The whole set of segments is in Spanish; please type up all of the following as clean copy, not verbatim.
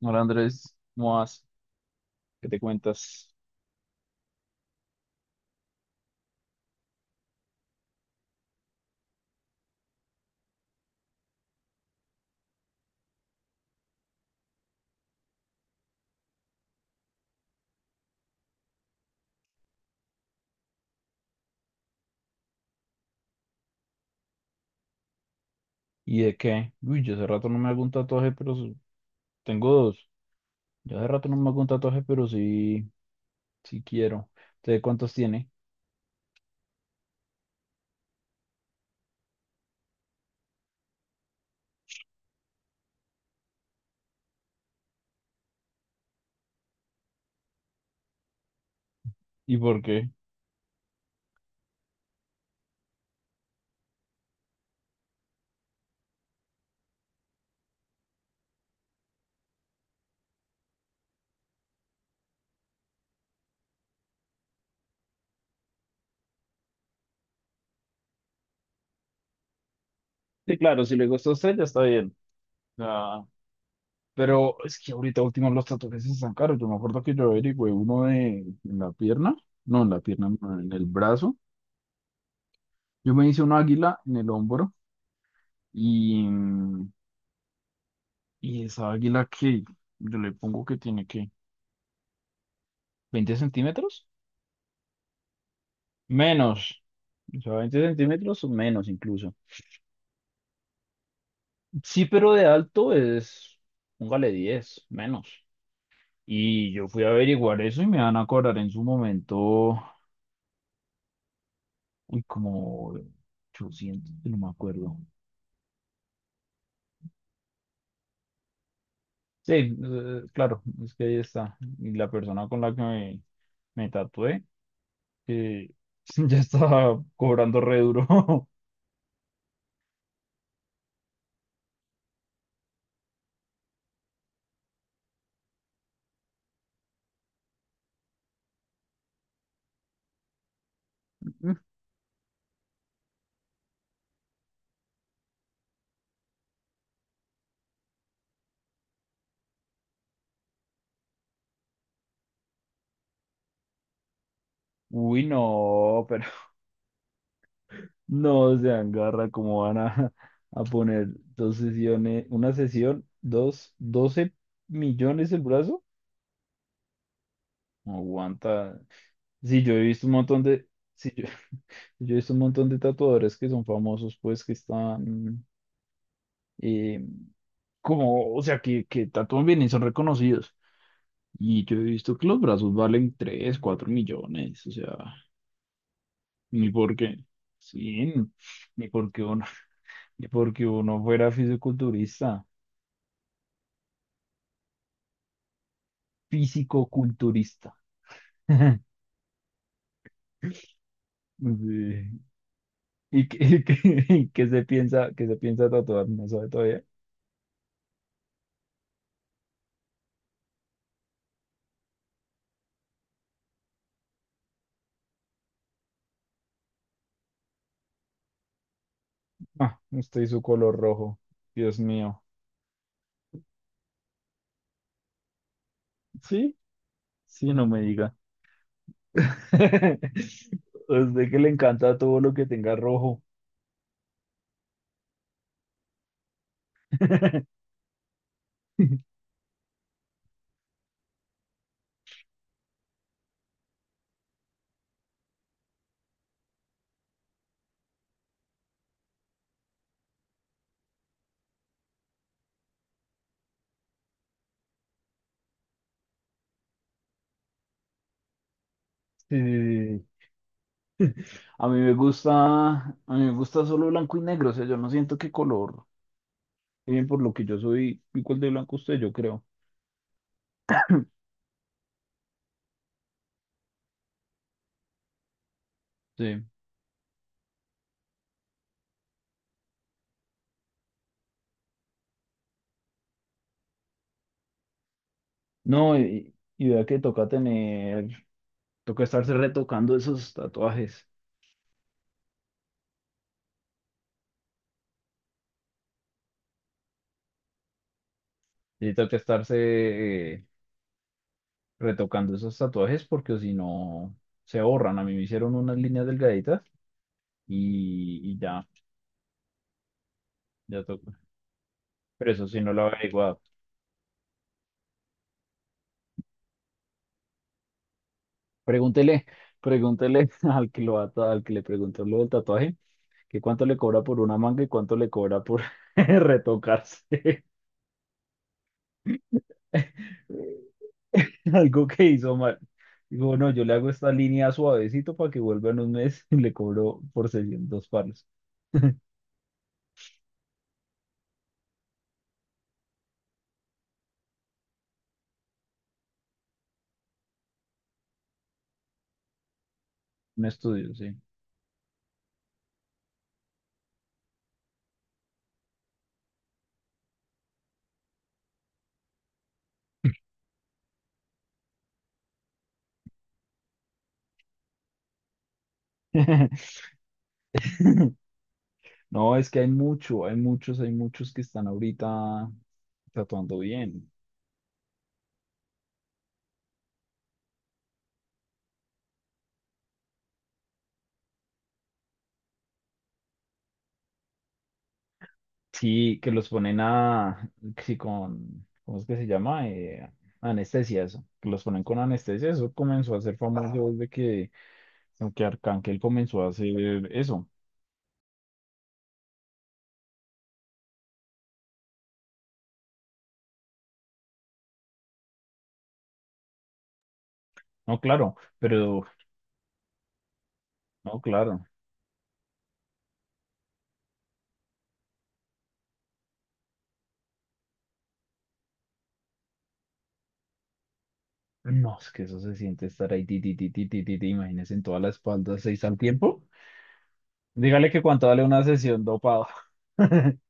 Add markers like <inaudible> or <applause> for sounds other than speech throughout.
Hola Andrés, ¿cómo vas? ¿Qué te cuentas? ¿Y de qué? Uy, yo hace rato no me hago un tatuaje, pero tengo dos. Yo hace rato no me hago un tatuaje, pero sí, sí quiero. ¿Usted cuántos tiene? ¿Y por qué? Sí, claro, si le gusta a usted ya está bien. Ah, pero es que ahorita último los tatuajes están caros. Yo me acuerdo que yo averigüé uno de, en la pierna, no en la pierna, no, en el brazo. Yo me hice una águila en el hombro y, y esa águila que yo le pongo que tiene que ¿20 centímetros? Menos. O sea, 20 centímetros o menos incluso. Sí, pero de alto es, póngale 10 menos. Y yo fui a averiguar eso y me van a cobrar en su momento, uy, como 800, no me acuerdo. Sí, claro, es que ahí está. Y la persona con la que me tatué, que <laughs> ya estaba cobrando re duro. <laughs> Uy, no, pero no sean garra, como van a, <laughs> a poner dos sesiones, una sesión, dos, 12 millones el brazo? No aguanta. Sí, yo he visto un montón de, sí, yo, <laughs> yo he visto un montón de tatuadores que son famosos, pues que están eh, como, o sea, que tatúan bien y son reconocidos. Y yo he visto que los brazos valen 3 4 millones, o sea, ni porque, sí, ni porque uno, <laughs> ni porque uno fuera fisiculturista. Físico-culturista. <laughs> Sí. ¿Y qué, qué- <laughs> qué se piensa tatuar? No sabe todavía. Ah, estoy su color rojo. Dios mío. ¿Sí? Sí, no me diga. <laughs> A usted que le encanta todo lo que tenga rojo. <laughs> Sí. Sí. A mí me gusta, a mí me gusta solo blanco y negro, o sea, yo no siento qué color. Bien, por lo que yo soy igual de blanco a usted, yo creo. Sí. No, y vea que toca tener, toca estarse retocando esos tatuajes. Y toca estarse eh, retocando esos tatuajes porque si no se borran. A mí me hicieron unas líneas delgaditas y ya, ya toca. Pero eso sí no lo he averiguado. Pregúntele, pregúntele, <laughs> al que lo va a ta- al que le preguntó lo del tatuaje, que cuánto le cobra por una manga y cuánto le cobra por <laughs> retocarse. <laughs> <laughs> algo que hizo mal. Dijo, no, yo le hago esta línea suavecito para que vuelva en un mes <laughs> y le cobro por 600 palos. Un estudio, sí. <laughs> No, es que hay mucho, hay muchos, que están ahorita tatuando bien. Sí, que los ponen a, sí, con, ¿cómo es que se llama? Anestesia, eso. Que los ponen con anestesia, eso comenzó a ser famoso desde que Arcángel comenzó a hacer eso. No, claro, pero, no, claro. No, es que eso se siente estar ahí, ti, ti, ti, ti, ti, ti, ti, imagínese en toda la espalda seis al tiempo. Dígale que cuánto vale una sesión dopado. <laughs>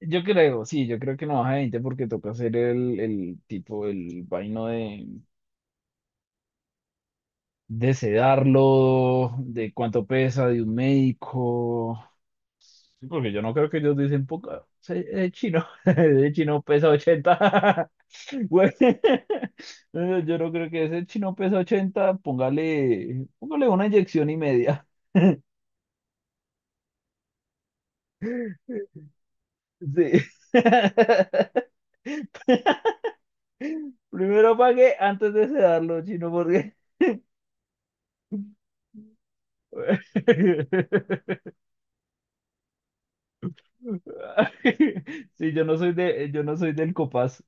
Yo creo, sí, yo creo que no baja de 20 porque toca hacer el tipo, el vaino de sedarlo, de cuánto pesa, de un médico. Sí, porque yo no creo que ellos dicen, poca, es chino, <laughs> ese chino pesa 80 <laughs> Güey, <laughs> yo no creo que ese chino pesa 80 póngale, una inyección y media. Sí. <laughs> Primero pague antes de sedarlo, chino, porque... <laughs> Sí, yo no soy del Copaz.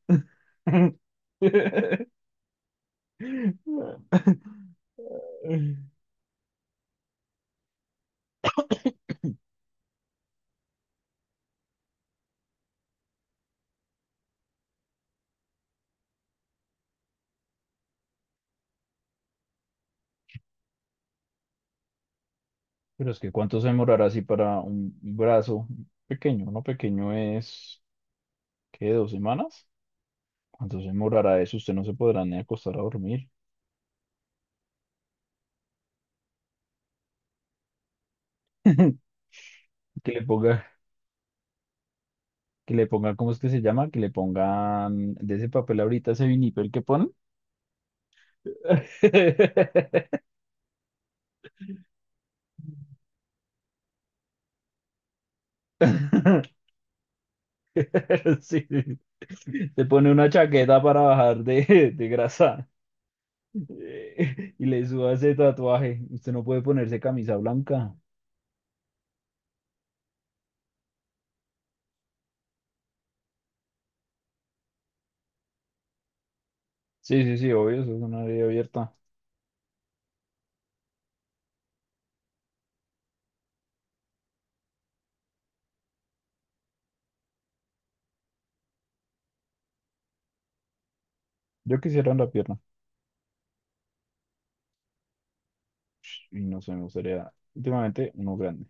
<laughs> Pero es que ¿cuánto se demorará así para un brazo pequeño? Uno pequeño es, ¿qué? ¿Dos semanas? ¿Cuánto se demorará eso? Usted no se podrá ni acostar a dormir. <laughs> Que le ponga, que le ponga, ¿cómo es que se llama? Que le pongan de ese papel ahorita ese vinipel que ponen. <laughs> Sí. Se pone una chaqueta para bajar de grasa <laughs> y le suba ese tatuaje. Usted no puede ponerse camisa blanca. Sí, sí, sí, obvio, eso es una vida abierta. Yo quisiera una pierna y no sé, me gustaría últimamente uno grande.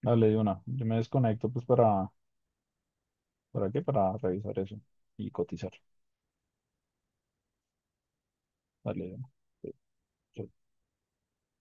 Dale de una. Yo me desconecto pues ¿para qué? Para revisar eso y cotizar. Dale de una. Sí, sí.